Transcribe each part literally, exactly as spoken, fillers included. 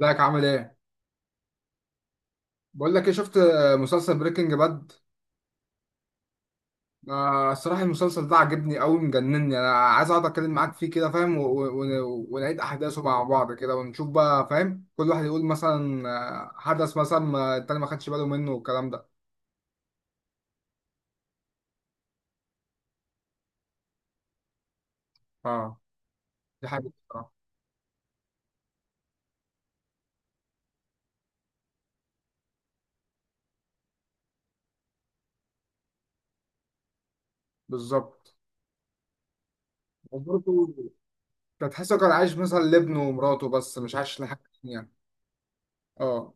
ازيك عامل ايه؟ بقول لك ايه، شفت مسلسل بريكنج باد؟ آه، الصراحة المسلسل ده عجبني قوي، مجنني. انا عايز اقعد اتكلم معاك فيه كده، فاهم؟ و- و- و- ونعيد احداثه مع بعض كده ونشوف بقى، فاهم؟ كل واحد يقول مثلا آه، حدث مثلا ما التاني ما خدش باله منه والكلام ده. اه، دي حاجة الصراحة. بالظبط، وبرضه كان تحسه كان عايش مثلا لابنه ومراته، بس مش عايش لحاجة تانية. اه،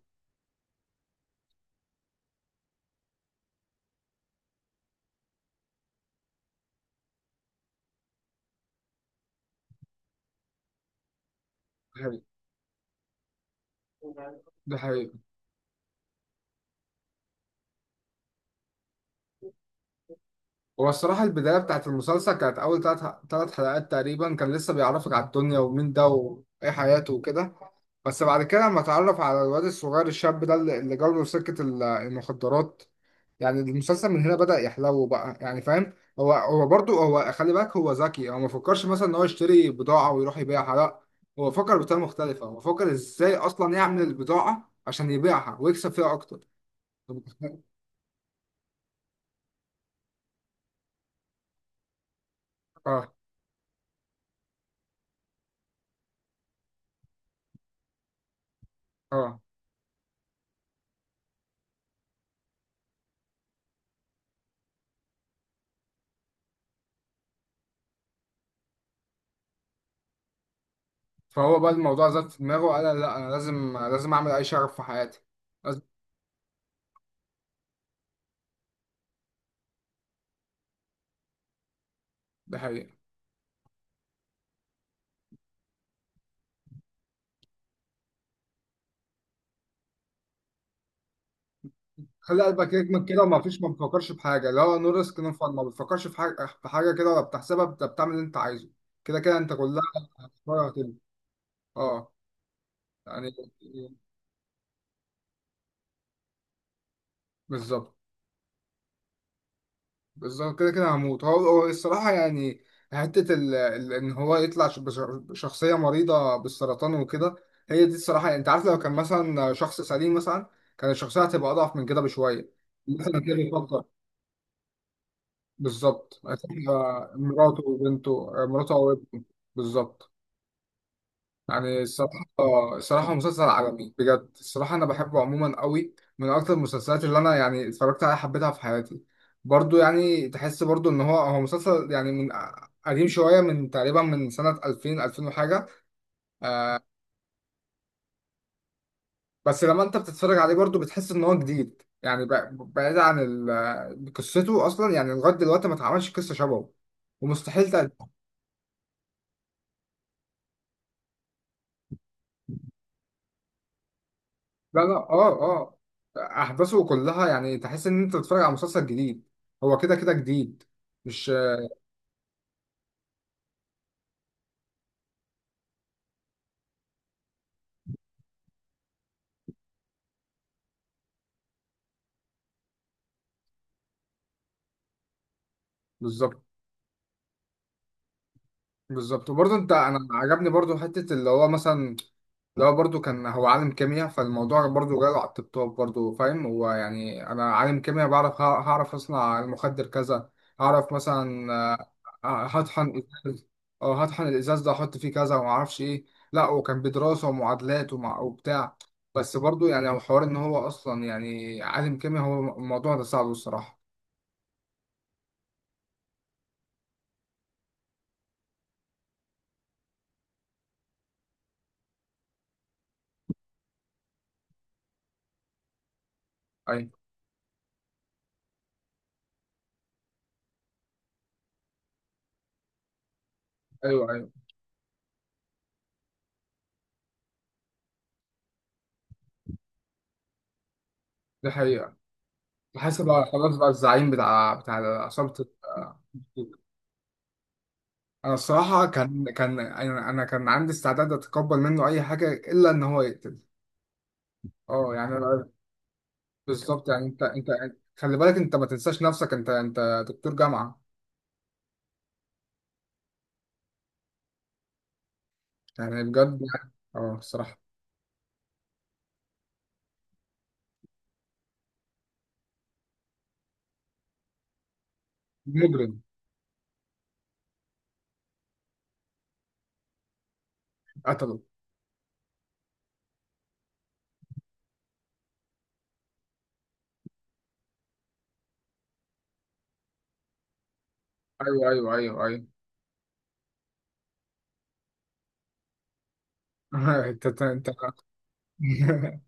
دي حقيقة. ده حقيقي. هو الصراحة البداية بتاعت المسلسل كانت أول تلات تلات حلقات تقريبا، كان لسه بيعرفك على الدنيا ومين ده وإيه حياته وكده. بس بعد كده لما اتعرف على الواد الصغير الشاب ده اللي اللي جاله سكة ال- المخدرات. يعني المسلسل من هنا بدأ يحلو بقى، يعني فاهم؟ هو هو برضه هو، خلي بالك، هو ذكي. هو ما فكرش مثلا إن هو يشتري بضاعة ويروح يبيعها، لأ. هو فكر بطريقة مختلفة، هو فكر إزاي أصلا يعمل البضاعة عشان يبيعها ويكسب فيها أكتر. آه آه. فهو بقى الموضوع زاد في دماغه وقال لا، انا لازم لازم اعمل اي شغف في حياتي. لازم. ده حقيقي. خلي قلبك يجمد كده وما فيش، ما بتفكرش في حاجه، اللي هو نو ريسك نو فان. ما بتفكرش في حاجه في حاجه كده، ولا بتحسبها، بت- بتعمل اللي انت عايزه. كده كده انت كلها هتبقى. اه يعني، بالظبط. بالظبط كده كده هموت. هو هو الصراحة يعني، حتة ال... ال... إن هو يطلع ش- بش- بشخصية مريضة بالسرطان وكده. هي دي الصراحة، يعني أنت عارف، لو كان مثلا شخص سليم مثلا كان الشخصية هتبقى أضعف من كده بشوية. مثلا كده بيفكر. بالظبط، هتبقى مراته وبنته، مراته أو ابنه. بالظبط. يعني الصراحة، الصراحة مسلسل عالمي بجد. الصراحة أنا بحبه عموما قوي، من أكتر المسلسلات اللي أنا يعني اتفرجت عليها حبيتها في حياتي. برضو يعني تحس برضو إن هو هو مسلسل يعني من قديم شوية، من تقريبا من سنة ألفين ألفين وحاجة. بس لما أنت بتتفرج عليه برضو بتحس إن هو جديد، يعني ب- بعيد عن ال- قصته أصلا، يعني لغاية دلوقتي ما اتعملش قصة شبهه، ومستحيل تقدم. لا لا، آه آه، أحداثه كلها يعني تحس إن أنت بتتفرج على مسلسل جديد. هو كده كده جديد، مش... بالظبط بالظبط. وبرضه انت، انا عجبني برضه حته اللي هو مثلا، اللي هو برضه كان هو عالم كيمياء. فالموضوع برضه جاله على التوب، برضه فاهم. هو يعني انا عالم كيمياء، بعرف، ه- هعرف اصنع المخدر كذا. هعرف مثلا آه، آه، هطحن إزاز- او هطحن الازاز ده، احط فيه كذا، وما اعرفش ايه. لا، وكان بدراسه ومعادلات ومع وبتاع. بس برضه يعني، هو حوار ان هو اصلا يعني عالم كيمياء، هو الموضوع ده صعب الصراحه. ايوه ايوه ايوه، دي حقيقه. حاسب على خلاص بقى، الزعيم بتاع بتاع عصابة ال- أنا الصراحة كان كان أنا أنا كان عندي استعداد أتقبل منه أي حاجة إلا إن هو يقتل. أه يعني أنا- بالظبط. يعني أنت أنت، خلي بالك أنت ما تنساش نفسك، أنت أنت دكتور جامعة. يعني بجد، يعني أه الصراحة. مجرم. قتله. أيوه أيوه أيوه أيوه. أنت أنت أنت-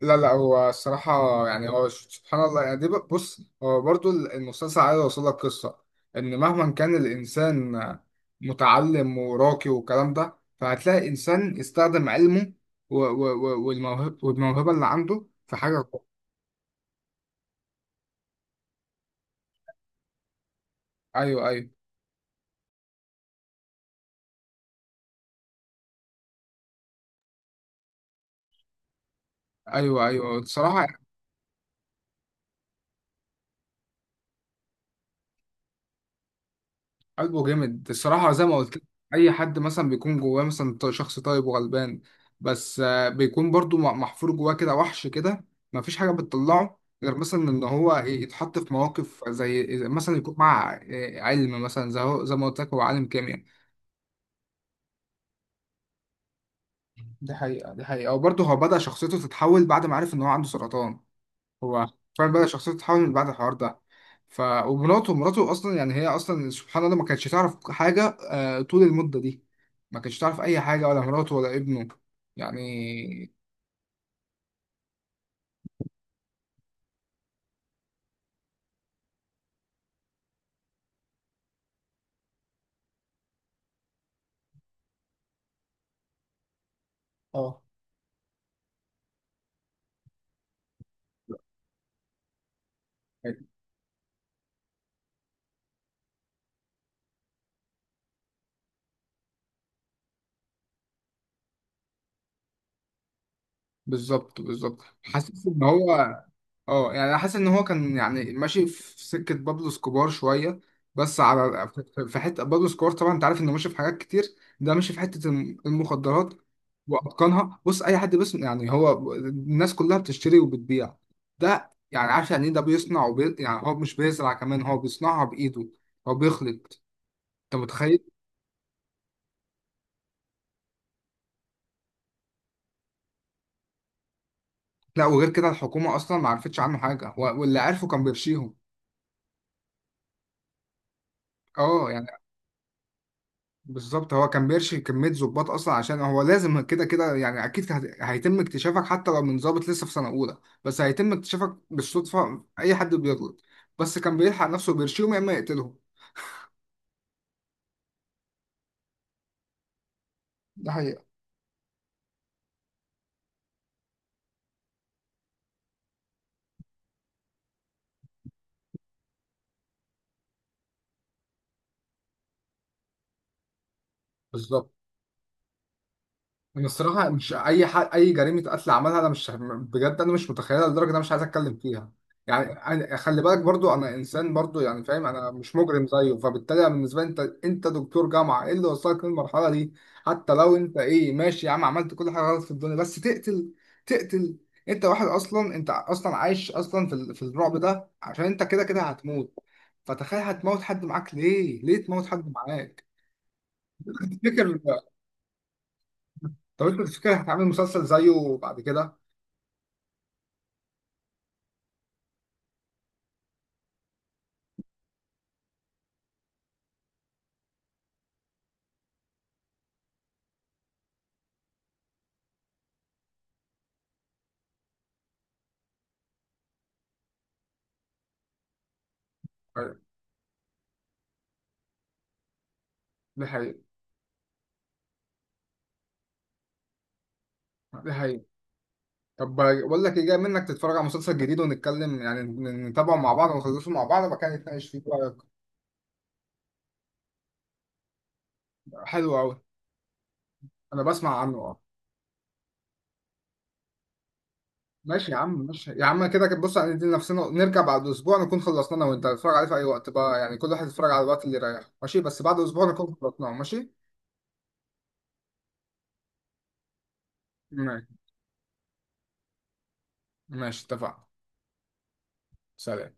لا لا، هو الصراحة يعني، هو سبحان الله. يعني دي، ب- بص، هو برضو المسلسل عايز يوصل لك قصة إن مهما كان الإنسان متعلم وراقي والكلام ده، فهتلاقي إنسان يستخدم علمه و- و- و- والموهب- والموهبة اللي عنده في حاجة كويسة. أيوه أيوه أيوه أيوه الصراحة. قلبه جامد الصراحة زي ما قلت لك. أي حد مثلا بيكون جواه مثلا ط- شخص طيب وغلبان، بس آه، بيكون برضو مح- محفور جواه كده وحش كده. مفيش حاجة بتطلعه غير مثلا إن هو يتحط في مواقف، زي زي مثلا يكون مع آه، علم مثلا، زي هو زي ما قلت لك هو عالم كيمياء. دي حقيقة دي حقيقة. وبرضه هو بدأ شخصيته تتحول بعد ما عرف إن هو عنده سرطان. هو فعلا بدأ شخصيته تتحول من بعد الحوار ده. ف ومراته، مراته اصلا يعني هي اصلا سبحان الله ما كانتش تعرف حاجه، آه، طول المده دي ما كانتش تعرف اي حاجه، ولا مراته ولا ابنه يعني. اه، بالظبط بالظبط. حسيت ان هو، اه يعني انا حاسس ان هو كان يعني ماشي في سكه بابلو سكوبار شويه، بس على، في حته بابلو سكوبار طبعا انت عارف انه ماشي في حاجات كتير، ده ماشي في حته الم- المخدرات واتقانها. بص، اي حد بس يعني، هو الناس كلها بتشتري وبتبيع، ده يعني عارف يعني ايه؟ ده بيصنع وبي... يعني هو مش بيزرع كمان، هو بيصنعها بايده، هو بيخلط، انت متخيل. لا، وغير كده الحكومه اصلا ما عرفتش عنه حاجه، و- واللي عرفه كان بيرشيهم. اه يعني بالظبط. هو كان بيرشي كمية ظباط أصلا، عشان هو لازم كده كده، يعني أكيد هت- هيتم اكتشافك حتى لو من ظابط لسه في سنة أولى. بس هيتم اكتشافك بالصدفة، أي حد بيغلط. بس كان بيلحق نفسه بيرشيهم، يا إما يقتلهم. ده حقيقة. بالظبط. انا الصراحه مش اي ح... اي جريمه قتل عملها، انا مش بجد انا مش متخيلها لدرجه انا مش عايز اتكلم فيها. يعني أنا... خلي بالك برضو، انا انسان برضو يعني، فاهم، انا مش مجرم زيه، فبالتالي أنا بالنسبه لي، انت انت دكتور جامعه، ايه اللي وصلك للمرحله دي؟ حتى لو انت ايه ماشي يا عم عملت كل حاجه غلط في الدنيا، بس تقتل؟ تقتل. انت واحد اصلا، انت اصلا عايش اصلا في ال... في الرعب ده عشان انت كده كده هتموت. فتخيل، هتموت حد معاك ليه؟ ليه تموت حد معاك؟ تفتكر، طب انت تفتكر هتعمل مسلسل زيه بعد كده؟ دي حقيقة دي حقيقة. طب بقول لك ايه، جاي منك تتفرج على مسلسل جديد ونتكلم، يعني ن- نتابعه مع بعض ونخلصه مع بعض وبعد كده نتناقش فيه، إيه رأيك؟ حلو قوي. انا بسمع عنه اه. ماشي يا عم، ماشي يا عم. كده كده بص، هندي نفسنا نرجع بعد اسبوع نكون خلصنا انا وانت، نتفرج عليه في اي وقت بقى، يعني كل واحد يتفرج على الوقت اللي يريحه، ماشي؟ بس بعد اسبوع نكون خلصناه، ماشي؟ ماشي، ماشي، اتفقنا. سلام.